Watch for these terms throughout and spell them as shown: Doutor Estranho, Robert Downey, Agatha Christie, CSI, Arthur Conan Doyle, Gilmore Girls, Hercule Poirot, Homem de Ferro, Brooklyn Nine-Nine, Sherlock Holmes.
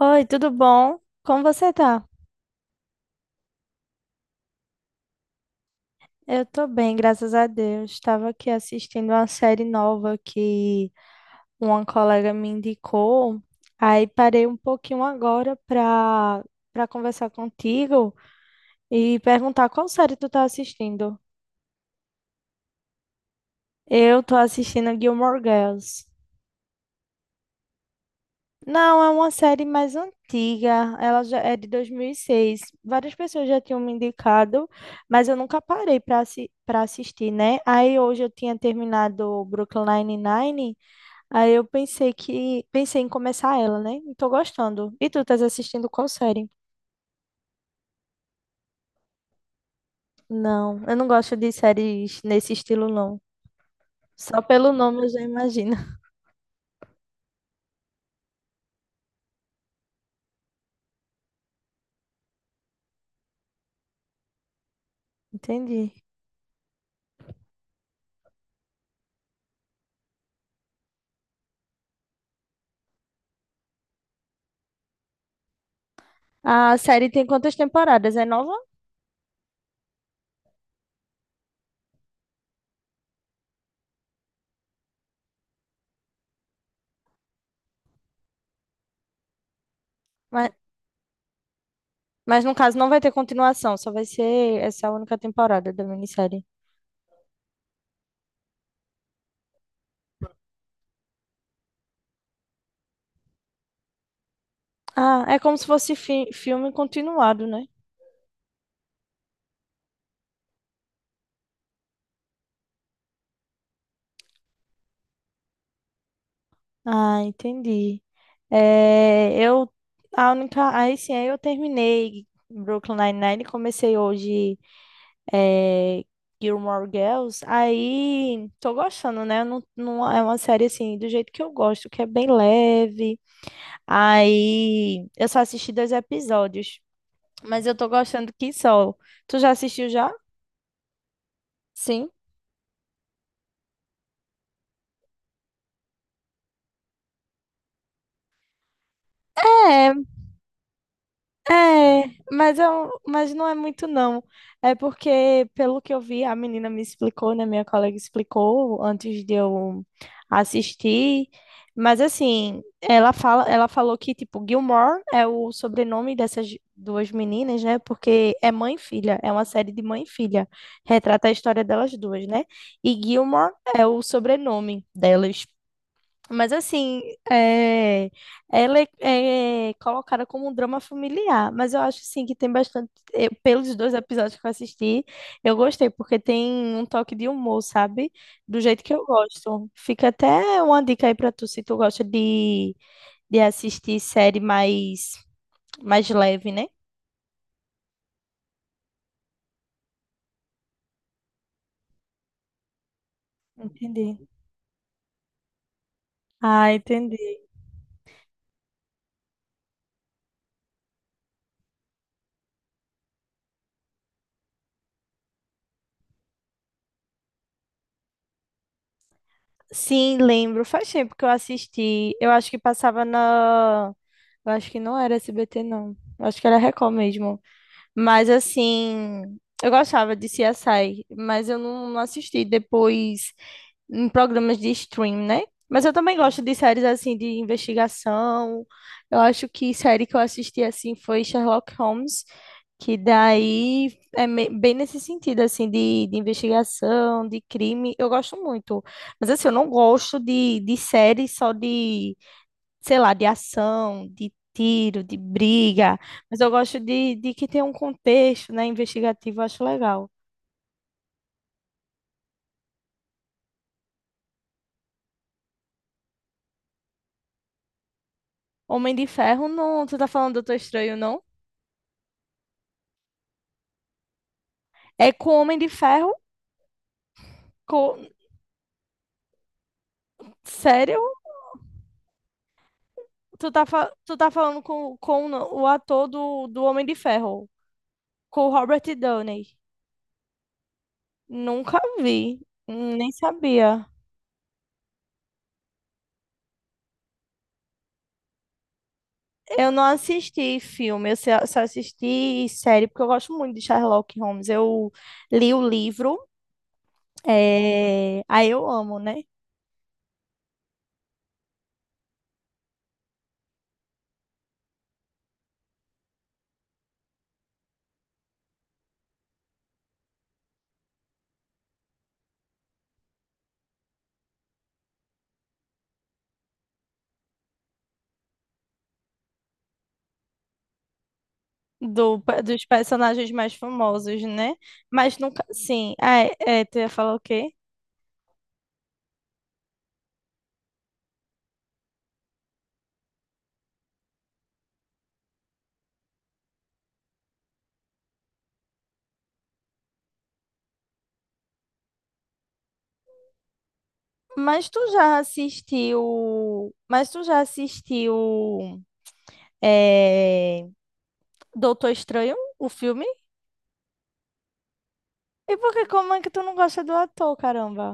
Oi, tudo bom? Como você tá? Eu tô bem, graças a Deus. Estava aqui assistindo uma série nova que uma colega me indicou. Aí parei um pouquinho agora pra conversar contigo e perguntar qual série tu tá assistindo. Eu tô assistindo Gilmore Girls. Não, é uma série mais antiga, ela já é de 2006. Várias pessoas já tinham me indicado, mas eu nunca parei para assistir, né? Aí hoje eu tinha terminado o Brooklyn Nine-Nine, aí eu pensei que pensei em começar ela, né? E tô gostando. E tu estás assistindo qual série? Não, eu não gosto de séries nesse estilo, não. Só pelo nome eu já imagino. Entendi. A série tem quantas temporadas? É nova? Mas no caso não vai ter continuação, só vai ser essa única temporada da minissérie. Ah, é como se fosse filme continuado, né? Ah, entendi. É, eu a única, aí sim, aí eu terminei Brooklyn Nine-Nine, e comecei hoje é, Gilmore Girls. Aí tô gostando, né? Não, não é uma série assim do jeito que eu gosto, que é bem leve. Aí eu só assisti 2 episódios, mas eu tô gostando que só. Tu já assistiu já? Sim. É, mas não é muito, não. É porque, pelo que eu vi, a menina me explicou, né? Minha colega explicou antes de eu assistir. Mas assim, ela falou que, tipo, Gilmore é o sobrenome dessas duas meninas, né? Porque é mãe e filha, é uma série de mãe e filha. Retrata a história delas duas, né? E Gilmore é o sobrenome delas. Mas assim, é, é colocada como um drama familiar, mas eu acho sim que tem bastante, pelos 2 episódios que eu assisti, eu gostei, porque tem um toque de humor, sabe? Do jeito que eu gosto. Fica até uma dica aí pra tu, se tu gosta de assistir série mais leve, né? Entendi. Ah, entendi. Sim, lembro. Faz tempo que eu assisti. Eu acho que passava na. Eu acho que não era SBT, não. Eu acho que era Record mesmo. Mas assim, eu gostava de CSI, mas eu não, não assisti depois em programas de stream, né? Mas eu também gosto de séries assim de investigação. Eu acho que série que eu assisti assim foi Sherlock Holmes, que daí é bem nesse sentido assim de investigação, de crime. Eu gosto muito. Mas assim, eu não gosto de séries só de sei lá, de ação, de tiro, de briga, mas eu gosto de que tenha um contexto, né, investigativo, eu acho legal. Homem de Ferro, não, tu tá falando do Doutor Estranho, não? É com Homem de Ferro, com... sério? Tu tá, tu tá falando com o ator do Homem de Ferro, com o Robert Downey. Nunca vi, nem sabia. Eu não assisti filme, eu só assisti série, porque eu gosto muito de Sherlock Holmes. Eu li o livro. É... Aí eu amo, né? Do, Dos personagens mais famosos, né? Mas nunca, sim. Ah, é, é, tu ia falar o quê? Mas tu já assistiu. Mas tu já assistiu. É... Doutor Estranho, o filme? E por que, como é que tu não gosta do ator, caramba?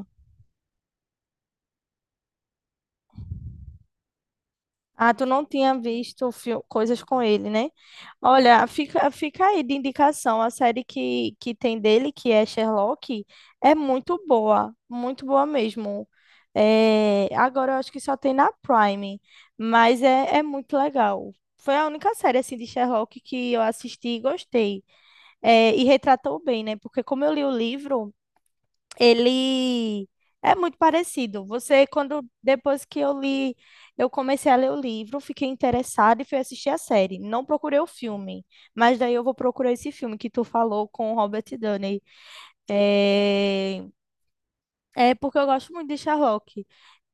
Ah, tu não tinha visto coisas com ele, né? Olha, fica aí de indicação. A série que tem dele, que é Sherlock, é muito boa mesmo. É, agora eu acho que só tem na Prime, mas é muito legal. Foi a única série assim de Sherlock que eu assisti e gostei. É, e retratou bem, né? Porque como eu li o livro. Ele é muito parecido. Você, quando depois que eu li, eu comecei a ler o livro, fiquei interessada e fui assistir a série. Não procurei o filme, mas daí eu vou procurar esse filme que tu falou com o Robert Downey. É, é porque eu gosto muito de Sherlock.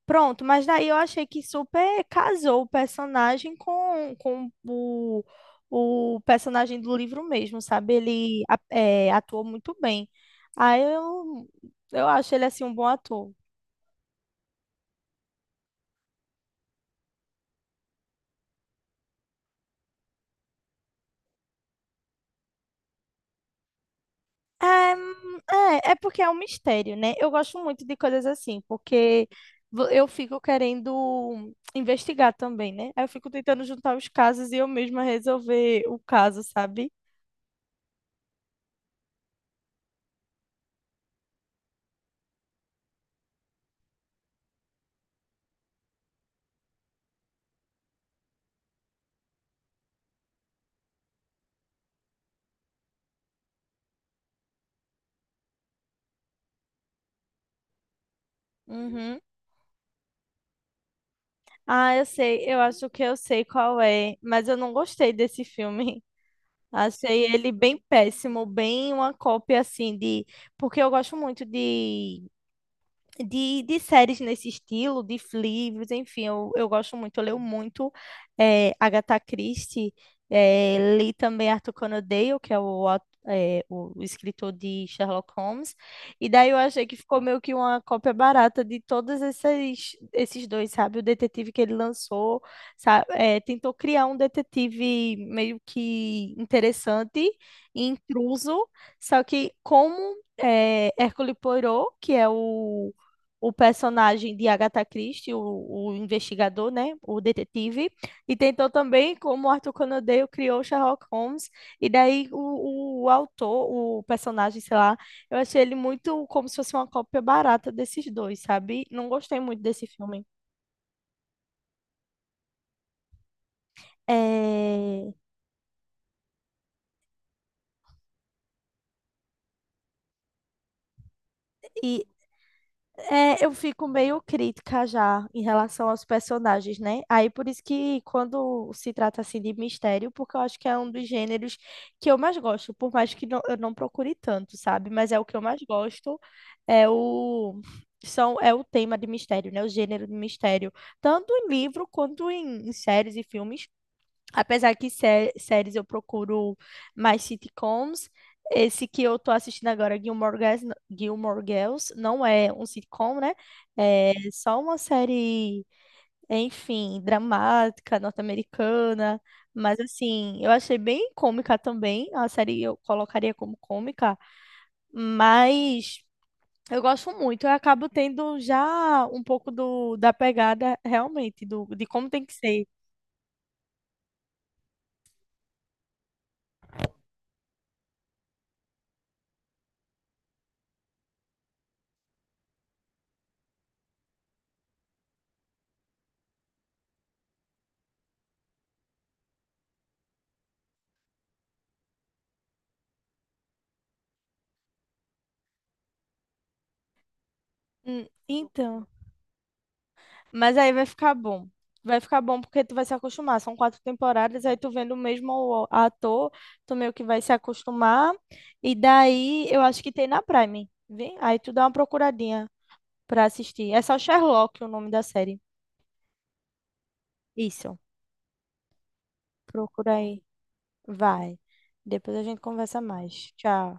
Pronto, mas daí eu achei que super casou o personagem com o personagem do livro mesmo, sabe? Atuou muito bem. Aí eu, eu acho ele assim um bom ator. É, é porque é um mistério, né? Eu gosto muito de coisas assim, porque eu fico querendo investigar também, né? Aí eu fico tentando juntar os casos e eu mesma resolver o caso, sabe? Uhum. Ah, eu sei, eu acho que eu sei qual é, mas eu não gostei desse filme. Achei ele bem péssimo, bem uma cópia assim de. Porque eu gosto muito de de séries nesse estilo, de livros, enfim, eu gosto muito, eu leio muito eh, Agatha Christie, eh, li também Arthur Conan Doyle, que é o, au- eh, o escritor de Sherlock Holmes, e daí eu achei que ficou meio que uma cópia barata de todos esses, esses dois, sabe? O detetive que ele lançou, tentou criar um detetive meio que interessante, intruso, só que como... eh, Hercule Poirot, que é o personagem de Agatha Christie, o investigador, né, o detetive, e tentou também como Arthur Conan Doyle criou Sherlock Holmes, e daí o autor, o personagem, sei lá, eu achei ele muito como se fosse uma cópia barata desses dois, sabe? Não gostei muito desse filme. É, E É, eu fico meio crítica já em relação aos personagens, né? Aí por isso que quando se trata assim de mistério, porque eu acho que é um dos gêneros que eu mais gosto, por mais que eu não procure tanto, sabe? Mas é o que eu mais gosto, é o são é o tema de mistério, né? O gênero de mistério, tanto em livro quanto em, em séries e filmes. Apesar que séries eu procuro mais sitcoms, esse que eu tô assistindo agora, Gilmore Girls, não é um sitcom, né? É só uma série, enfim, dramática, norte-americana, mas assim, eu achei bem cômica também, a série eu colocaria como cômica, mas eu gosto muito, eu acabo tendo já um pouco da pegada realmente, do, de como tem que ser. Então. Mas aí vai ficar bom. Vai ficar bom porque tu vai se acostumar. São 4 temporadas, aí tu vendo o mesmo ator, tu meio que vai se acostumar. E daí eu acho que tem na Prime, vê? Aí tu dá uma procuradinha pra assistir. É só Sherlock o nome da série. Isso. Procura aí. Vai. Depois a gente conversa mais. Tchau.